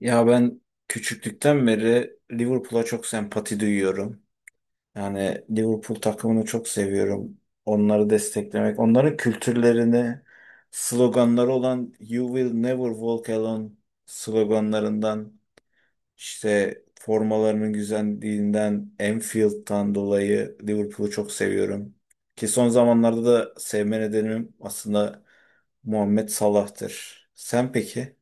Ya ben küçüklükten beri Liverpool'a çok sempati duyuyorum. Yani Liverpool takımını çok seviyorum. Onları desteklemek, onların kültürlerini, sloganları olan You Will Never Walk Alone sloganlarından, işte formalarının güzelliğinden, Anfield'dan dolayı Liverpool'u çok seviyorum. Ki son zamanlarda da sevme nedenim aslında Muhammed Salah'tır. Sen peki?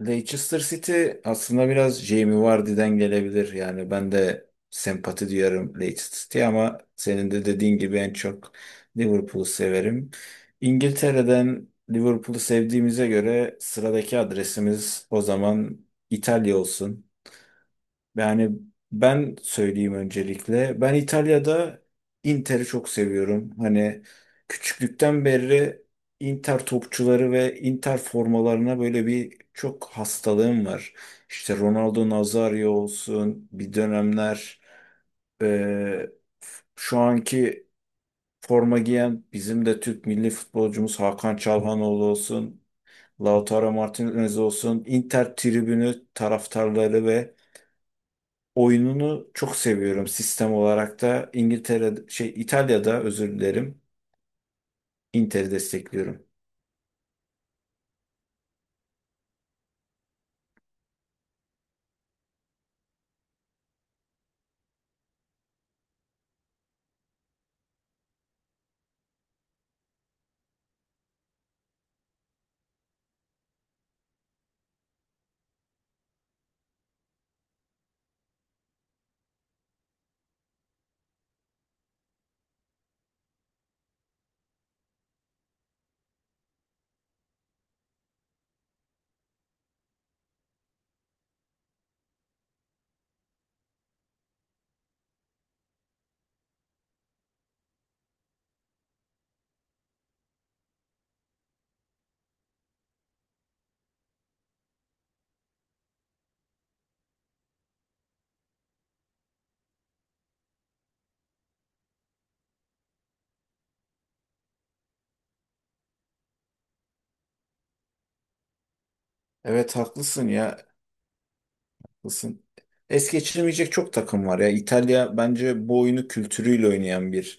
Leicester City aslında biraz Jamie Vardy'den gelebilir. Yani ben de sempati duyarım Leicester City'ye ama senin de dediğin gibi en çok Liverpool'u severim. İngiltere'den Liverpool'u sevdiğimize göre sıradaki adresimiz o zaman İtalya olsun. Yani ben söyleyeyim öncelikle. Ben İtalya'da Inter'i çok seviyorum. Hani küçüklükten beri Inter topçuları ve Inter formalarına böyle bir çok hastalığım var. İşte Ronaldo Nazario olsun bir dönemler eee, şu anki forma giyen bizim de Türk milli futbolcumuz Hakan Çalhanoğlu olsun, Lautaro Martinez olsun, Inter tribünü taraftarları ve oyununu çok seviyorum sistem olarak da İngiltere şey İtalya'da özür dilerim Inter'i destekliyorum. Evet, haklısın ya. Haklısın. Es geçirmeyecek çok takım var ya. İtalya bence bu oyunu kültürüyle oynayan bir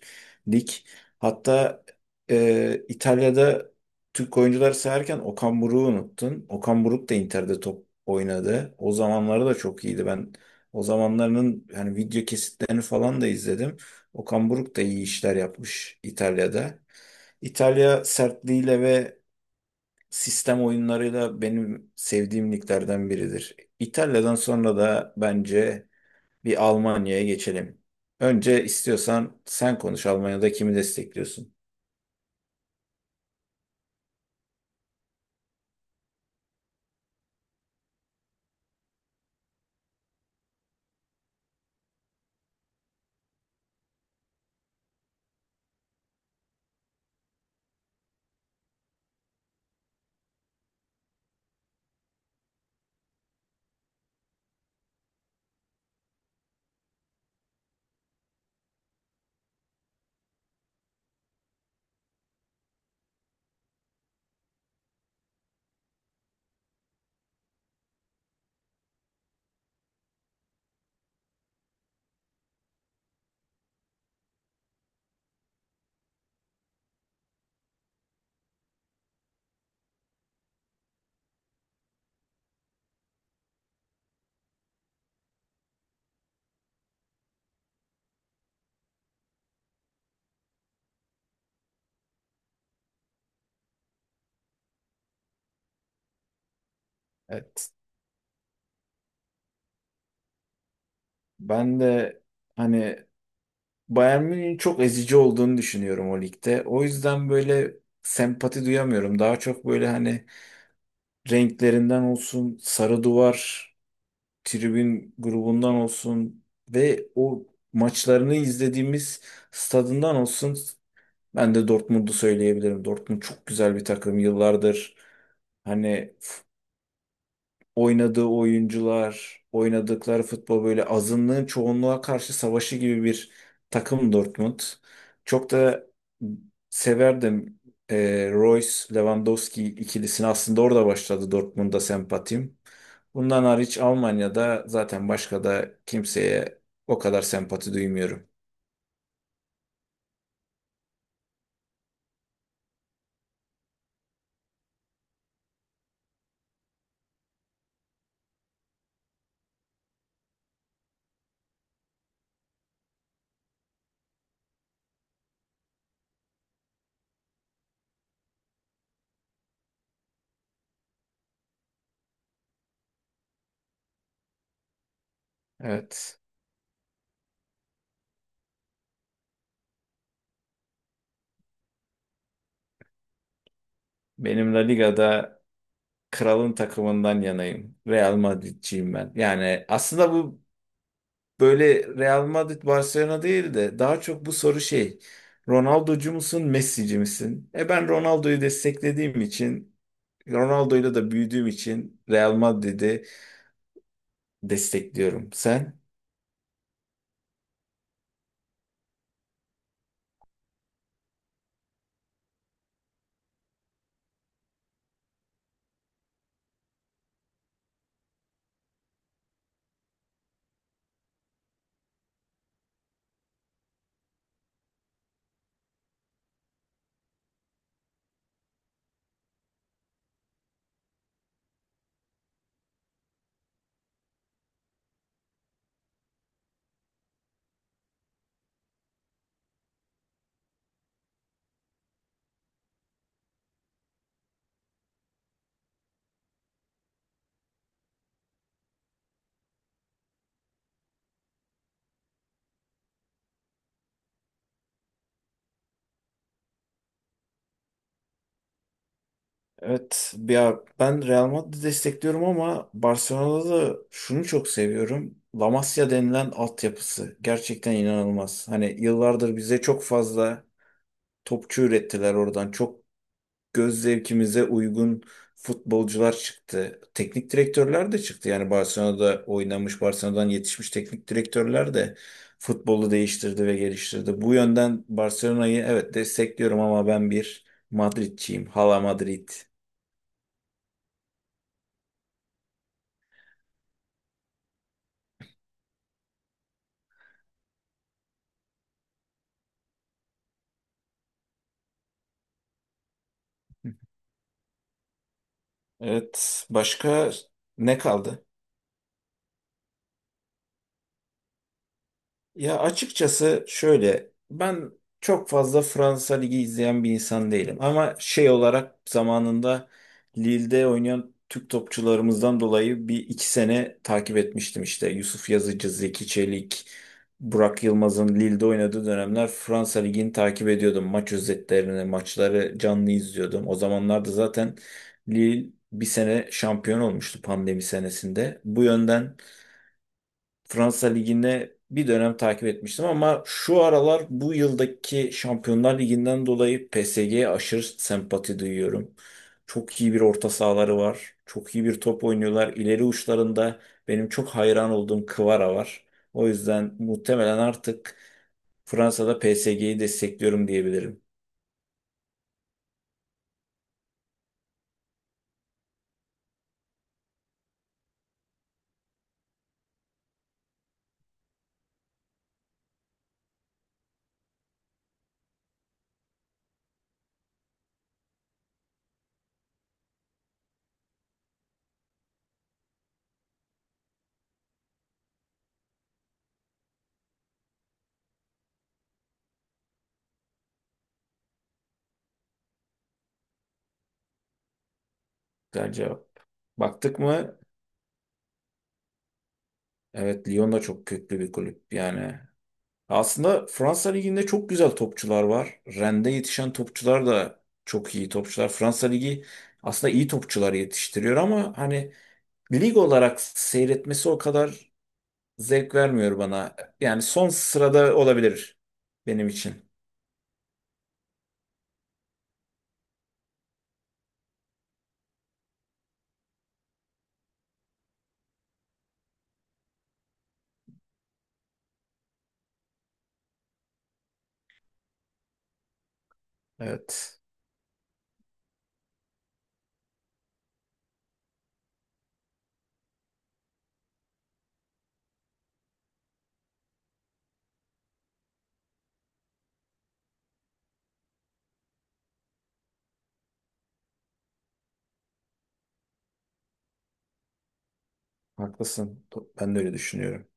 lig. Hatta İtalya'da Türk oyuncular sayarken Okan Buruk'u unuttun. Okan Buruk da Inter'de top oynadı. O zamanları da çok iyiydi. Ben o zamanlarının hani video kesitlerini falan da izledim. Okan Buruk da iyi işler yapmış İtalya'da. İtalya sertliğiyle ve sistem oyunlarıyla benim sevdiğim liglerden biridir. İtalya'dan sonra da bence bir Almanya'ya geçelim. Önce istiyorsan sen konuş, Almanya'da kimi destekliyorsun? Evet. Ben de hani Bayern Münih'in çok ezici olduğunu düşünüyorum o ligde. O yüzden böyle sempati duyamıyorum. Daha çok böyle hani renklerinden olsun, sarı duvar, tribün grubundan olsun ve o maçlarını izlediğimiz stadından olsun, ben de Dortmund'u söyleyebilirim. Dortmund çok güzel bir takım. Yıllardır hani oynadığı oyuncular, oynadıkları futbol böyle azınlığın çoğunluğa karşı savaşı gibi bir takım Dortmund. Çok da severdim Royce Lewandowski ikilisini. Aslında orada başladı Dortmund'a sempatim. Bundan hariç Almanya'da zaten başka da kimseye o kadar sempati duymuyorum. Evet. Benim La Liga'da kralın takımından yanayım. Real Madridciyim ben. Yani aslında bu böyle Real Madrid Barcelona değil de daha çok bu soru şey. Ronaldocu musun, Messi'ci misin? E, ben Ronaldo'yu desteklediğim için, Ronaldo'yla da büyüdüğüm için Real Madrid'i destekliyorum. Sen? Evet, ya ben Real Madrid'i destekliyorum ama Barcelona'da da şunu çok seviyorum. La Masia denilen altyapısı gerçekten inanılmaz. Hani yıllardır bize çok fazla topçu ürettiler oradan. Çok göz zevkimize uygun futbolcular çıktı. Teknik direktörler de çıktı. Yani Barcelona'da oynamış, Barcelona'dan yetişmiş teknik direktörler de futbolu değiştirdi ve geliştirdi. Bu yönden Barcelona'yı evet destekliyorum ama ben bir Madridçiyim. Hala Madrid. Evet, başka ne kaldı? Ya açıkçası şöyle, ben çok fazla Fransa Ligi izleyen bir insan değilim. Ama şey olarak zamanında Lille'de oynayan Türk topçularımızdan dolayı bir iki sene takip etmiştim işte. Yusuf Yazıcı, Zeki Çelik, Burak Yılmaz'ın Lille'de oynadığı dönemler Fransa Ligi'ni takip ediyordum. Maç özetlerini, maçları canlı izliyordum. O zamanlarda zaten Lille bir sene şampiyon olmuştu pandemi senesinde. Bu yönden Fransa Ligi'ne bir dönem takip etmiştim ama şu aralar bu yıldaki Şampiyonlar Ligi'nden dolayı PSG'ye aşırı sempati duyuyorum. Çok iyi bir orta sahaları var. Çok iyi bir top oynuyorlar. İleri uçlarında benim çok hayran olduğum Kvara var. O yüzden muhtemelen artık Fransa'da PSG'yi destekliyorum diyebilirim. Güzel cevap. Baktık mı? Evet, Lyon da çok köklü bir kulüp. Yani aslında Fransa Ligi'nde çok güzel topçular var. Rende yetişen topçular da çok iyi topçular. Fransa Ligi aslında iyi topçular yetiştiriyor ama hani lig olarak seyretmesi o kadar zevk vermiyor bana. Yani son sırada olabilir benim için. Evet, haklısın. Ben de öyle düşünüyorum.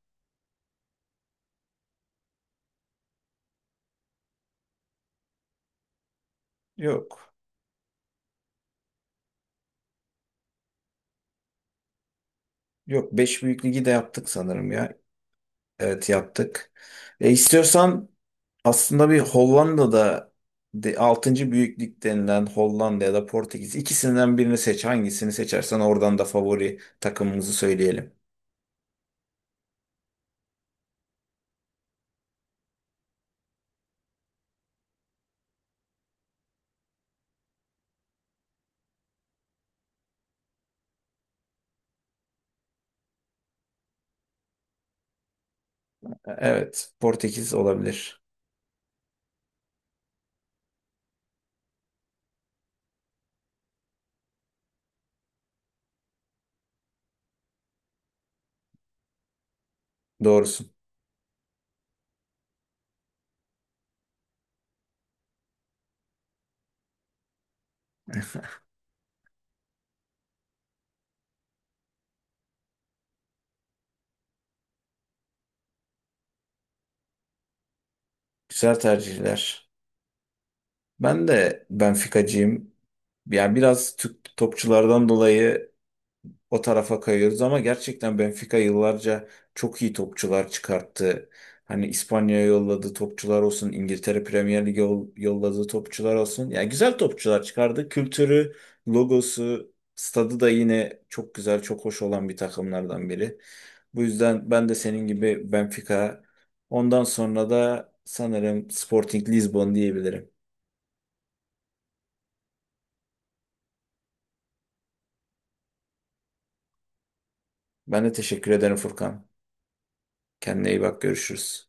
Yok. Yok, beş büyük ligi de yaptık sanırım ya. Evet yaptık. E, istiyorsan aslında bir Hollanda'da de altıncı büyüklük denilen Hollanda ya da Portekiz ikisinden birini seç. Hangisini seçersen oradan da favori takımımızı söyleyelim. E, evet, Portekiz olabilir. Doğrusun. Güzel tercihler. Ben de Benfica'cıyım. Yani biraz Türk topçulardan dolayı o tarafa kayıyoruz ama gerçekten Benfica yıllarca çok iyi topçular çıkarttı. Hani İspanya'ya yolladığı topçular olsun, İngiltere Premier Lig'e yolladığı topçular olsun. Yani güzel topçular çıkardı. Kültürü, logosu, stadı da yine çok güzel, çok hoş olan bir takımlardan biri. Bu yüzden ben de senin gibi Benfica. Ondan sonra da sanırım Sporting Lisbon diyebilirim. Ben de teşekkür ederim Furkan. Kendine iyi bak, görüşürüz.